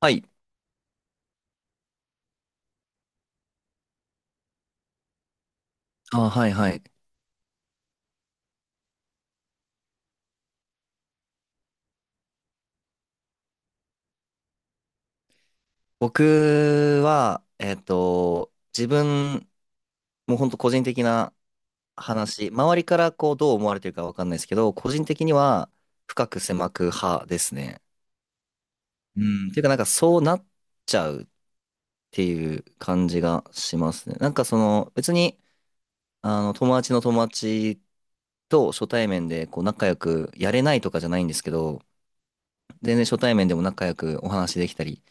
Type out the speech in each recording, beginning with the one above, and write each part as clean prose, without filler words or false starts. はい。あ、はいはい。僕は、自分、もう本当個人的な話、周りからこうどう思われてるかわかんないですけど、個人的には深く狭く派ですね。うん。ていうかなんかそうなっちゃうっていう感じがしますね。なんかその別に、友達の友達と初対面でこう仲良くやれないとかじゃないんですけど、全然初対面でも仲良くお話できたり、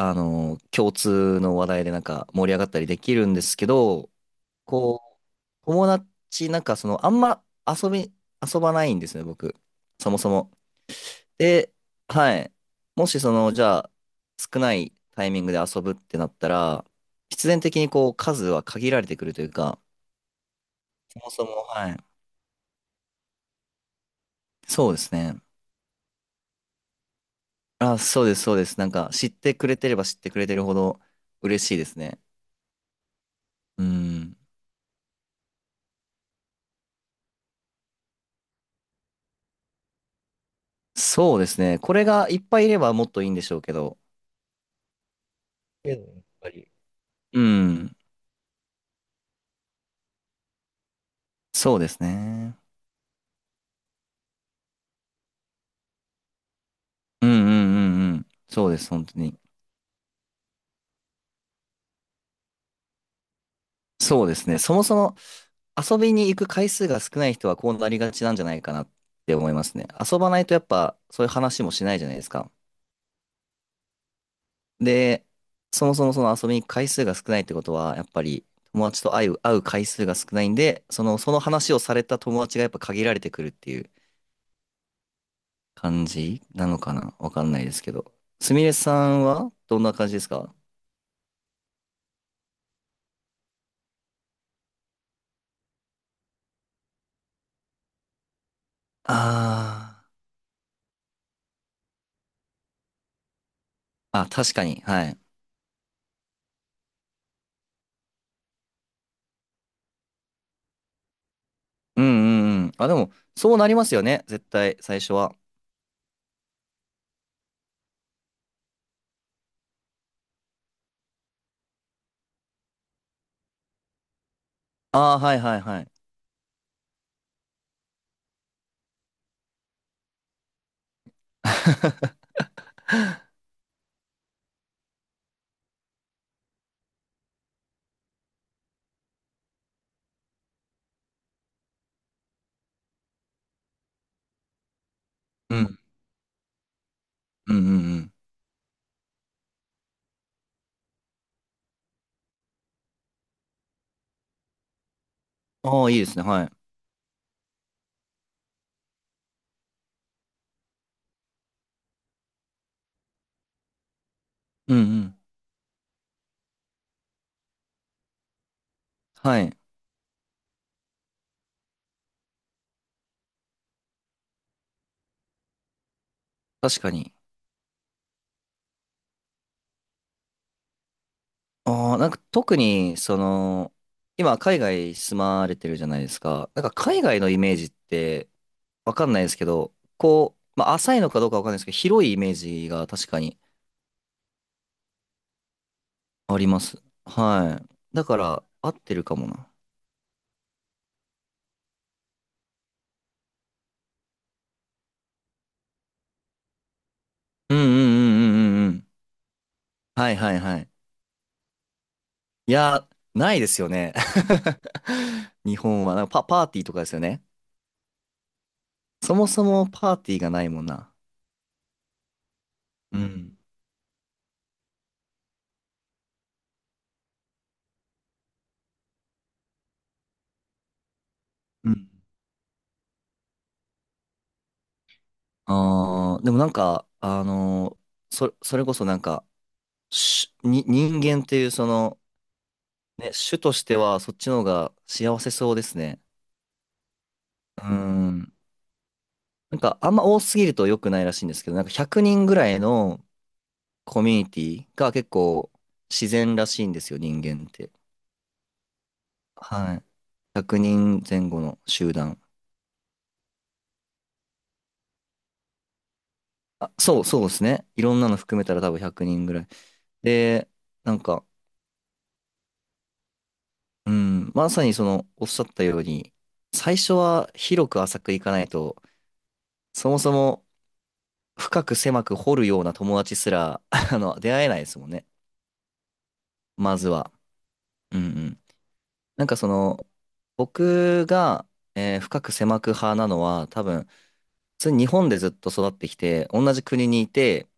あの、共通の話題でなんか盛り上がったりできるんですけど、こう、友達、なんかその、遊ばないんですね、僕。そもそも。で、はい。もしその、じゃあ、少ないタイミングで遊ぶってなったら、必然的にこう、数は限られてくるというか、そもそも、はい。そうですね。あ、そうです、そうです。なんか、知ってくれてれば知ってくれてるほど嬉しいですね。うん。そうですね。これがいっぱいいればもっといいんでしょうけど、っていうのやっぱり。うん。そうですね。うんうんうんうん。そうです、本当に。そうですね。そもそも遊びに行く回数が少ない人はこうなりがちなんじゃないかなって思いますね。遊ばないとやっぱそういう話もしないじゃないですか。で、そもそもその遊びに行く回数が少ないってことは、やっぱり友達と会う回数が少ないんで、その、その話をされた友達がやっぱ限られてくるっていう感じなのかなわかんないですけど。すみれさんはどんな感じですか？ああー。あ、確かに。はい。うんうんうん。あ、でも、そうなりますよね。絶対、最初は。ああ、はいはいはい。うん。うんうんうん。ああ、いいですね。はい。うんうん。はい。確かに。ああ、なんか特に、その、今、海外住まれてるじゃないですか。なんか海外のイメージって、わかんないですけど、こう、まあ、浅いのかどうかわかんないですけど、広いイメージが確かにあります。はい。だから、合ってるかもな。うんうんうんうんうんうん。はいはいはい。いや、ないですよね。日本は、なんかパーティーとかですよね。そもそもパーティーがないもんな。うん。うん。ああ、でもなんか、それこそなんか、人間っていうその、ね、種としてはそっちの方が幸せそうですね。うん。なんかあんま多すぎると良くないらしいんですけど、なんか100人ぐらいのコミュニティが結構自然らしいんですよ、人間って。はい。100人前後の集団。あ、そう、そうですね。いろんなの含めたら多分100人ぐらい。で、なんか、うん、まさにその、おっしゃったように、最初は広く浅くいかないと、そもそも深く狭く掘るような友達すら、あの、出会えないですもんね。まずは。うんうん。なんかその、僕が、深く狭く派なのは、多分、普通に日本でずっと育ってきて、同じ国にいて、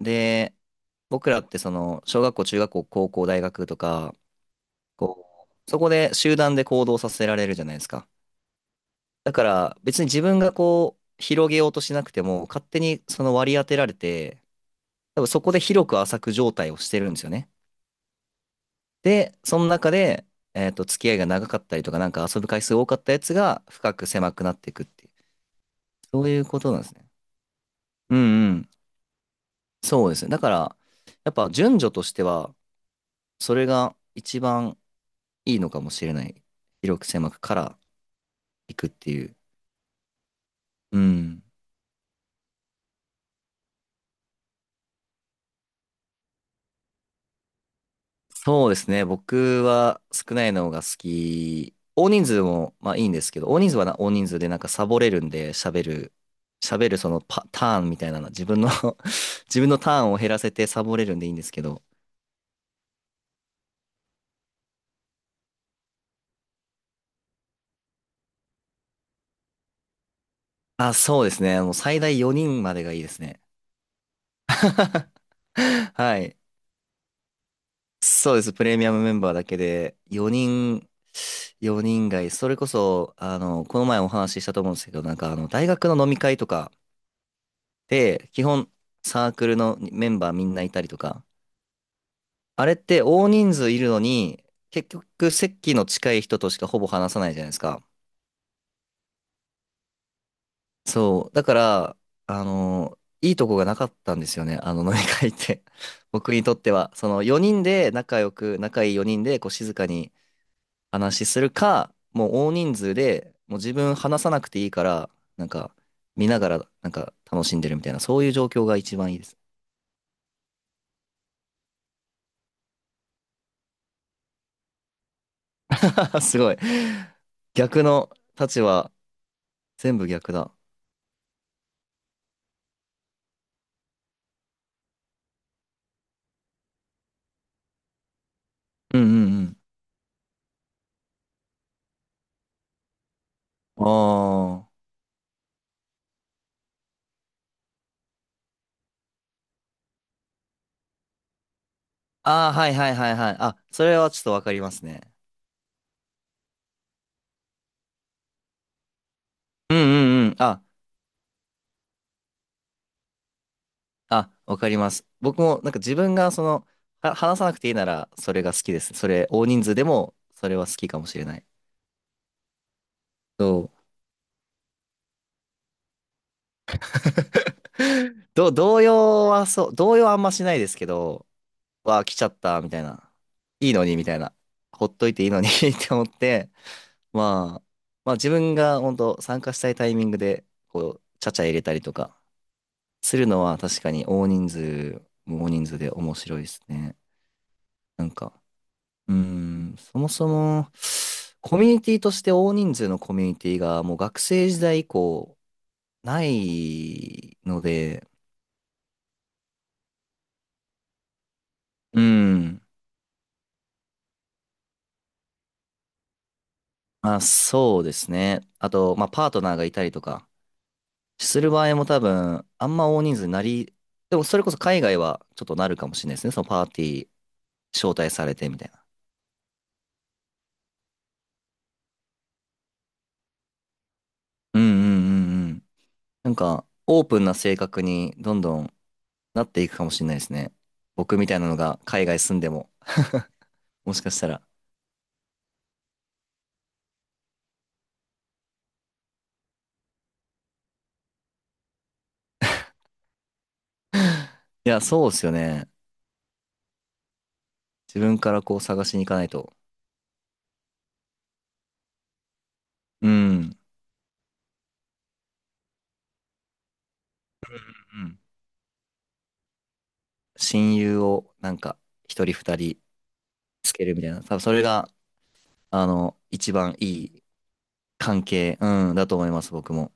で、僕らってその、小学校、中学校、高校、大学とか、こう、そこで集団で行動させられるじゃないですか。だから別に自分がこう、広げようとしなくても、勝手にその割り当てられて、多分そこで広く浅く状態をしてるんですよね。で、その中で、付き合いが長かったりとか、なんか遊ぶ回数多かったやつが深く狭くなっていくっていう、そういうことなんですね。うんうん。そうですね。だから、やっぱ順序としては、それが一番いいのかもしれない。広く狭くから行くっていう。うん。そうですね。僕は少ないのが好き。大人数もまあいいんですけど、大人数でなんかサボれるんで喋るそのパ、ターンみたいなの、自分の 自分のターンを減らせてサボれるんでいいんですけど。あ、そうですね。もう最大4人までがいいですね。はい。そうです。プレミアムメンバーだけで、4人、4人がいい。それこそ、あの、この前お話ししたと思うんですけど、なんかあの、大学の飲み会とかで、基本サークルのメンバーみんないたりとか、あれって大人数いるのに、結局席の近い人としかほぼ話さないじゃないですか。そう。だから、あの、いいとこがなかったんですよね。あの飲み会って。僕にとっては。その4人で仲良く、仲いい4人でこう静かに話しするか、もう大人数で、もう自分話さなくていいから、なんか見ながらなんか楽しんでるみたいな、そういう状況が一番いいです。すごい。逆の立場、全部逆だ。うんうんうん。ああ。ああ、はいはいはいはい。あ、それはちょっとわかりますね。うんうんうん。あ、あ、わかります。僕もなんか自分がその、話さなくていいならそれが好きです。それ、大人数でもそれは好きかもしれない。そう。ど、動揺はそう、動揺はあんましないですけど、わあ、来ちゃった、みたいな。いいのに、みたいな。ほっといていいのに って思って、まあ、まあ自分が本当参加したいタイミングで、こう、ちゃちゃ入れたりとか、するのは確かに大人数、大人数で面白いですね。なんか、うーん、そもそも、コミュニティとして大人数のコミュニティがもう学生時代以降ないので、うん、まあそうですね。あと、まあパートナーがいたりとか、する場合も多分、あんま大人数になり、でもそれこそ海外はちょっとなるかもしれないですね。そのパーティー招待されてみたいな。うんうんうんうん。なんか、オープンな性格にどんどんなっていくかもしれないですね。僕みたいなのが海外住んでも、もしかしたら。いや、そうですよね。自分からこう探しに行かないと。うん。うん。親友をなんか一人二人つけるみたいな。多分それが、あの、一番いい関係、うん、だと思います、僕も。